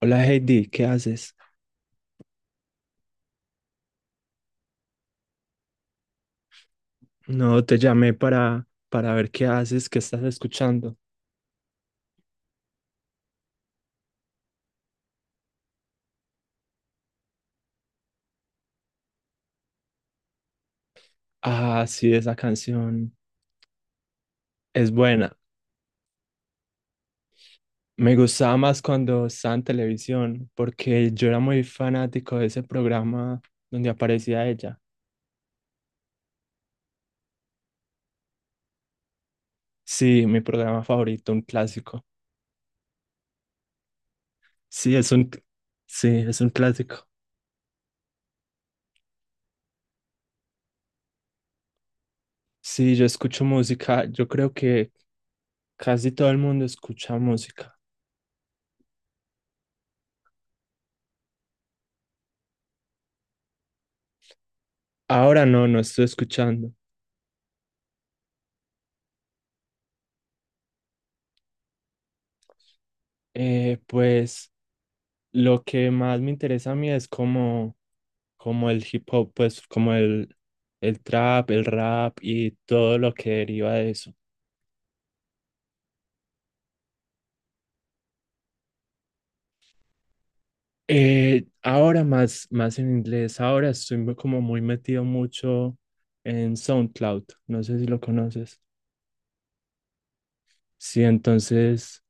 Hola Heidi, ¿qué haces? No, te llamé para ver qué haces, qué estás escuchando. Ah, sí, esa canción es buena. Me gustaba más cuando estaba en televisión, porque yo era muy fanático de ese programa donde aparecía ella. Sí, mi programa favorito, un clásico. Sí, es un, sí, es un clásico. Sí, yo escucho música. Yo creo que casi todo el mundo escucha música. Ahora no, no estoy escuchando. Eh, pues... Lo que más me interesa a mí es como el hip hop, pues el trap, el rap y todo lo que deriva de eso. Más en inglés, ahora estoy como muy metido mucho en SoundCloud, no sé si lo conoces. Sí, entonces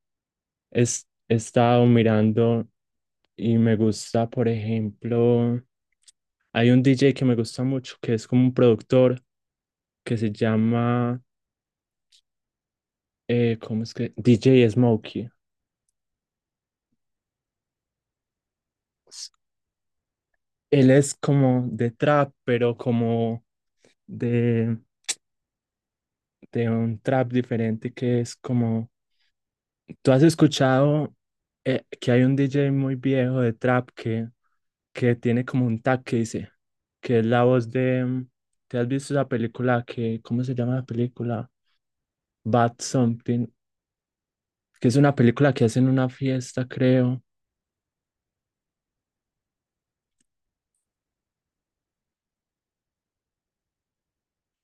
he estado mirando y me gusta, por ejemplo, hay un DJ que me gusta mucho que es como un productor que se llama, ¿cómo es que? DJ Smokey. Él es como de trap, pero de, de un trap diferente que es como, tú has escuchado que hay un DJ muy viejo de que tiene como un tag que dice, que es la voz de, ¿te has visto la película que, ¿cómo se llama la película? Bad Something, que es una película que hacen en una fiesta, creo.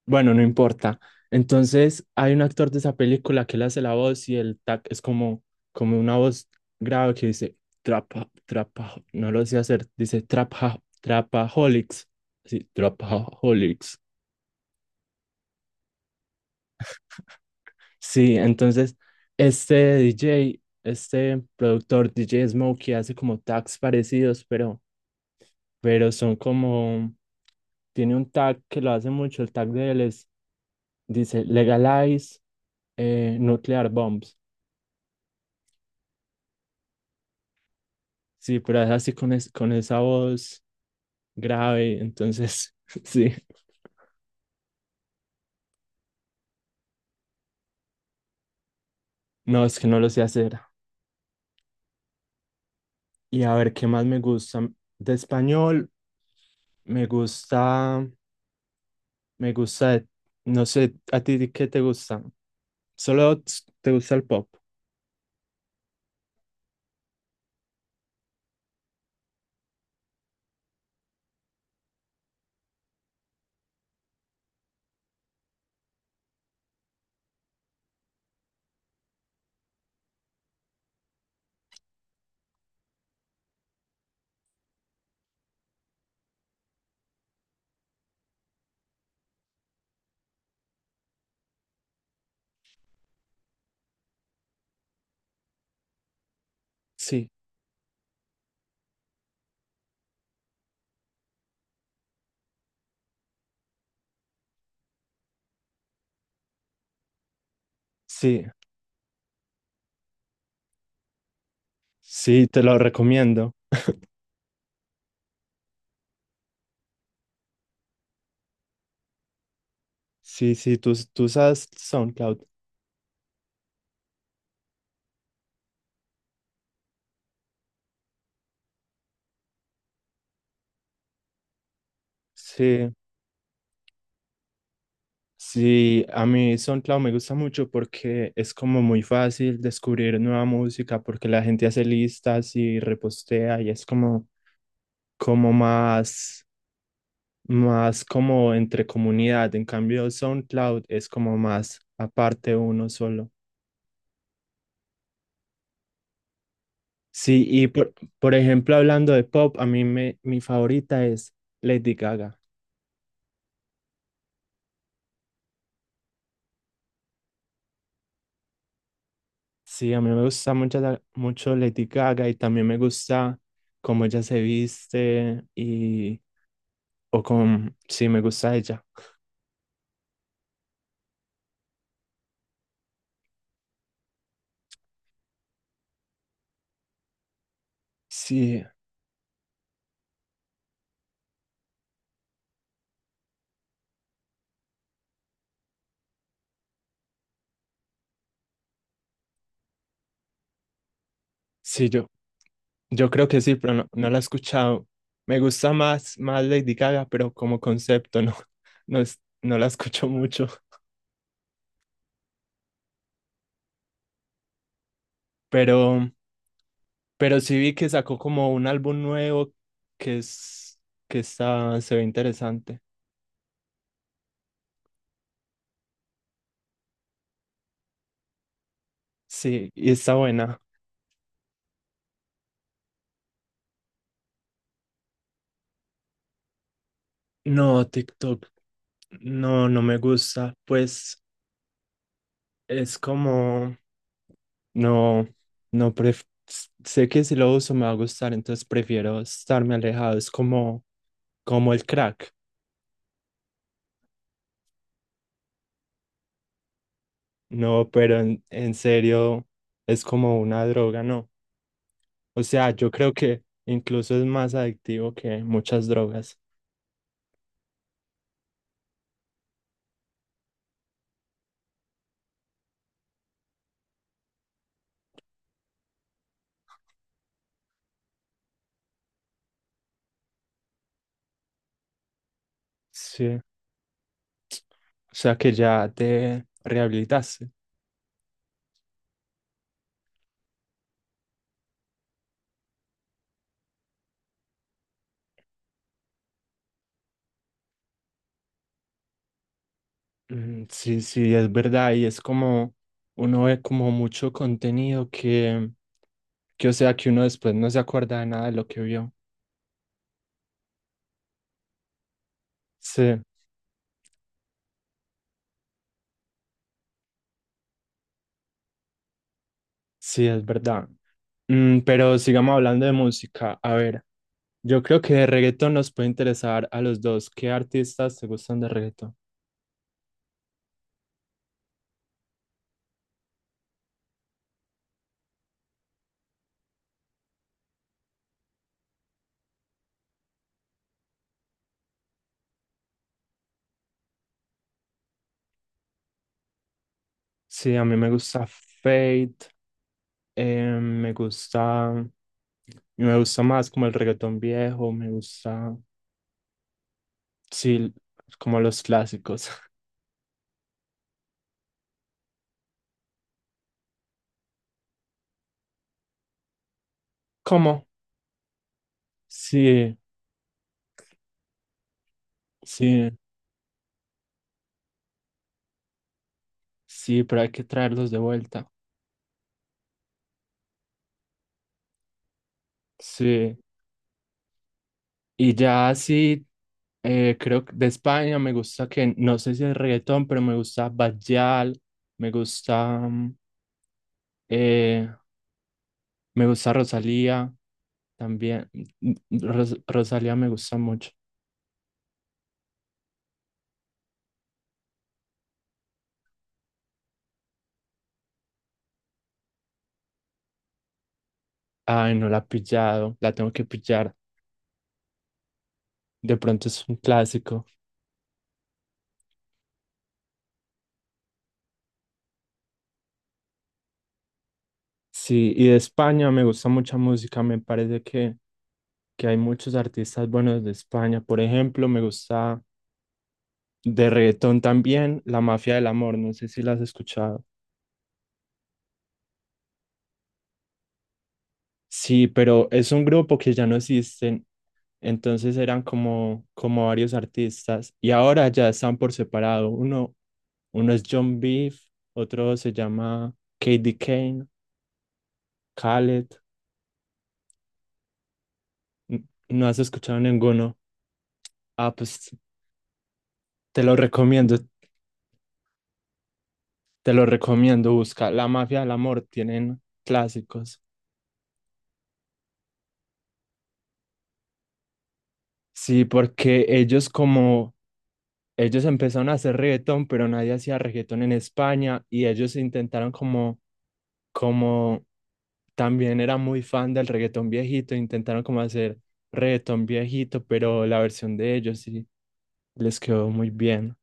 Bueno, no importa. Entonces, hay un actor de esa película que le hace la voz y el tac es como, como una voz grave que dice trapa, trapa, no lo sé hacer, dice trapa, trapaholics. Sí, trapaholics. Sí, entonces, este DJ, este productor DJ Smokey hace como tags parecidos, pero son como, tiene un tag que lo hace mucho, el tag de él es, dice legalize nuclear bombs. Sí, pero es así con, con esa voz grave, entonces sí, no, es que no lo sé hacer. Y a ver, ¿qué más me gusta? De español, me gusta, me gusta, no sé, ¿a ti qué te gusta? ¿Solo t- ¿te gusta el pop? Sí, sí, sí, te lo recomiendo. Sí, sí, tú usas SoundCloud. Sí. Sí, a mí SoundCloud me gusta mucho porque es como muy fácil descubrir nueva música porque la gente hace listas y repostea y es como más, más como entre comunidad. En cambio, SoundCloud es como más aparte uno solo. Sí, y por, por ejemplo, hablando de pop, mi favorita es Lady Gaga. Sí, a mí me gusta mucho, mucho Lady Gaga y también me gusta cómo ella se viste y o con sí, me gusta ella. Sí, sí, yo creo que sí, pero no, no la he escuchado. Me gusta más Lady Gaga, pero como concepto no, no, no la escucho mucho. Pero, pero sí vi que sacó como un álbum nuevo que es, que está, se ve interesante. Sí, y está buena. No, TikTok, no, no me gusta. Pues es como, no, no, pref- sé que si lo uso me va a gustar, entonces prefiero estarme alejado. Es como, como el crack. No, pero en serio es como una droga, ¿no? O sea, yo creo que incluso es más adictivo que muchas drogas. Sí, o sea que ya te rehabilitaste. Mm, sí, sí, es verdad. Y es como, uno ve como mucho contenido o sea, que uno después no se acuerda de nada de lo que vio. Sí. Sí, es verdad. Mm, pero sigamos hablando de música. A ver, yo creo que de reggaetón nos puede interesar a los dos. ¿Qué artistas te gustan de reggaetón? Sí, a mí me gusta Fate, eh, me gusta, me gusta más como el reggaetón viejo, me gusta, sí, como los clásicos. ¿Cómo? Sí, sí, sí, pero hay que traerlos de vuelta. Sí. Y ya así creo que de España me gusta que, no sé si es reggaetón, pero me gusta Bajal, me gusta, mm, eh, me gusta Rosalía también. Mm, mm, Rosalía me gusta mucho. Ay, no la he pillado, la tengo que pillar. De pronto es un clásico. Sí, y de España me gusta mucha música, me parece que hay muchos artistas buenos de España. Por ejemplo, me gusta de reggaetón también La Mafia del Amor, no sé si la has escuchado. Sí, pero es un grupo que ya no existen, entonces eran como, como varios artistas y ahora ya están por separado. Uno, uno es John Beef, otro se llama KD Kane, Khaled. No has escuchado ninguno. Ah, pues te lo recomiendo, te lo recomiendo. Busca La Mafia del Amor, tienen clásicos. Sí, porque ellos como, ellos empezaron a hacer reggaetón, pero nadie hacía reggaetón en España y ellos intentaron como también era muy fan del reggaetón viejito, intentaron como hacer reggaetón viejito, pero la versión de ellos sí les quedó muy bien.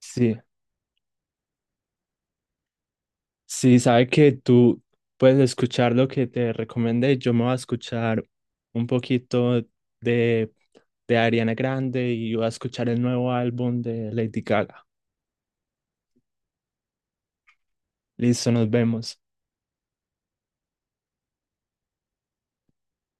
Sí, sí, sabe que tú puedes escuchar lo que te recomendé, yo me voy a escuchar un poquito de, de Ariana Grande y voy a escuchar el nuevo álbum de Lady Gaga. Listo, nos vemos.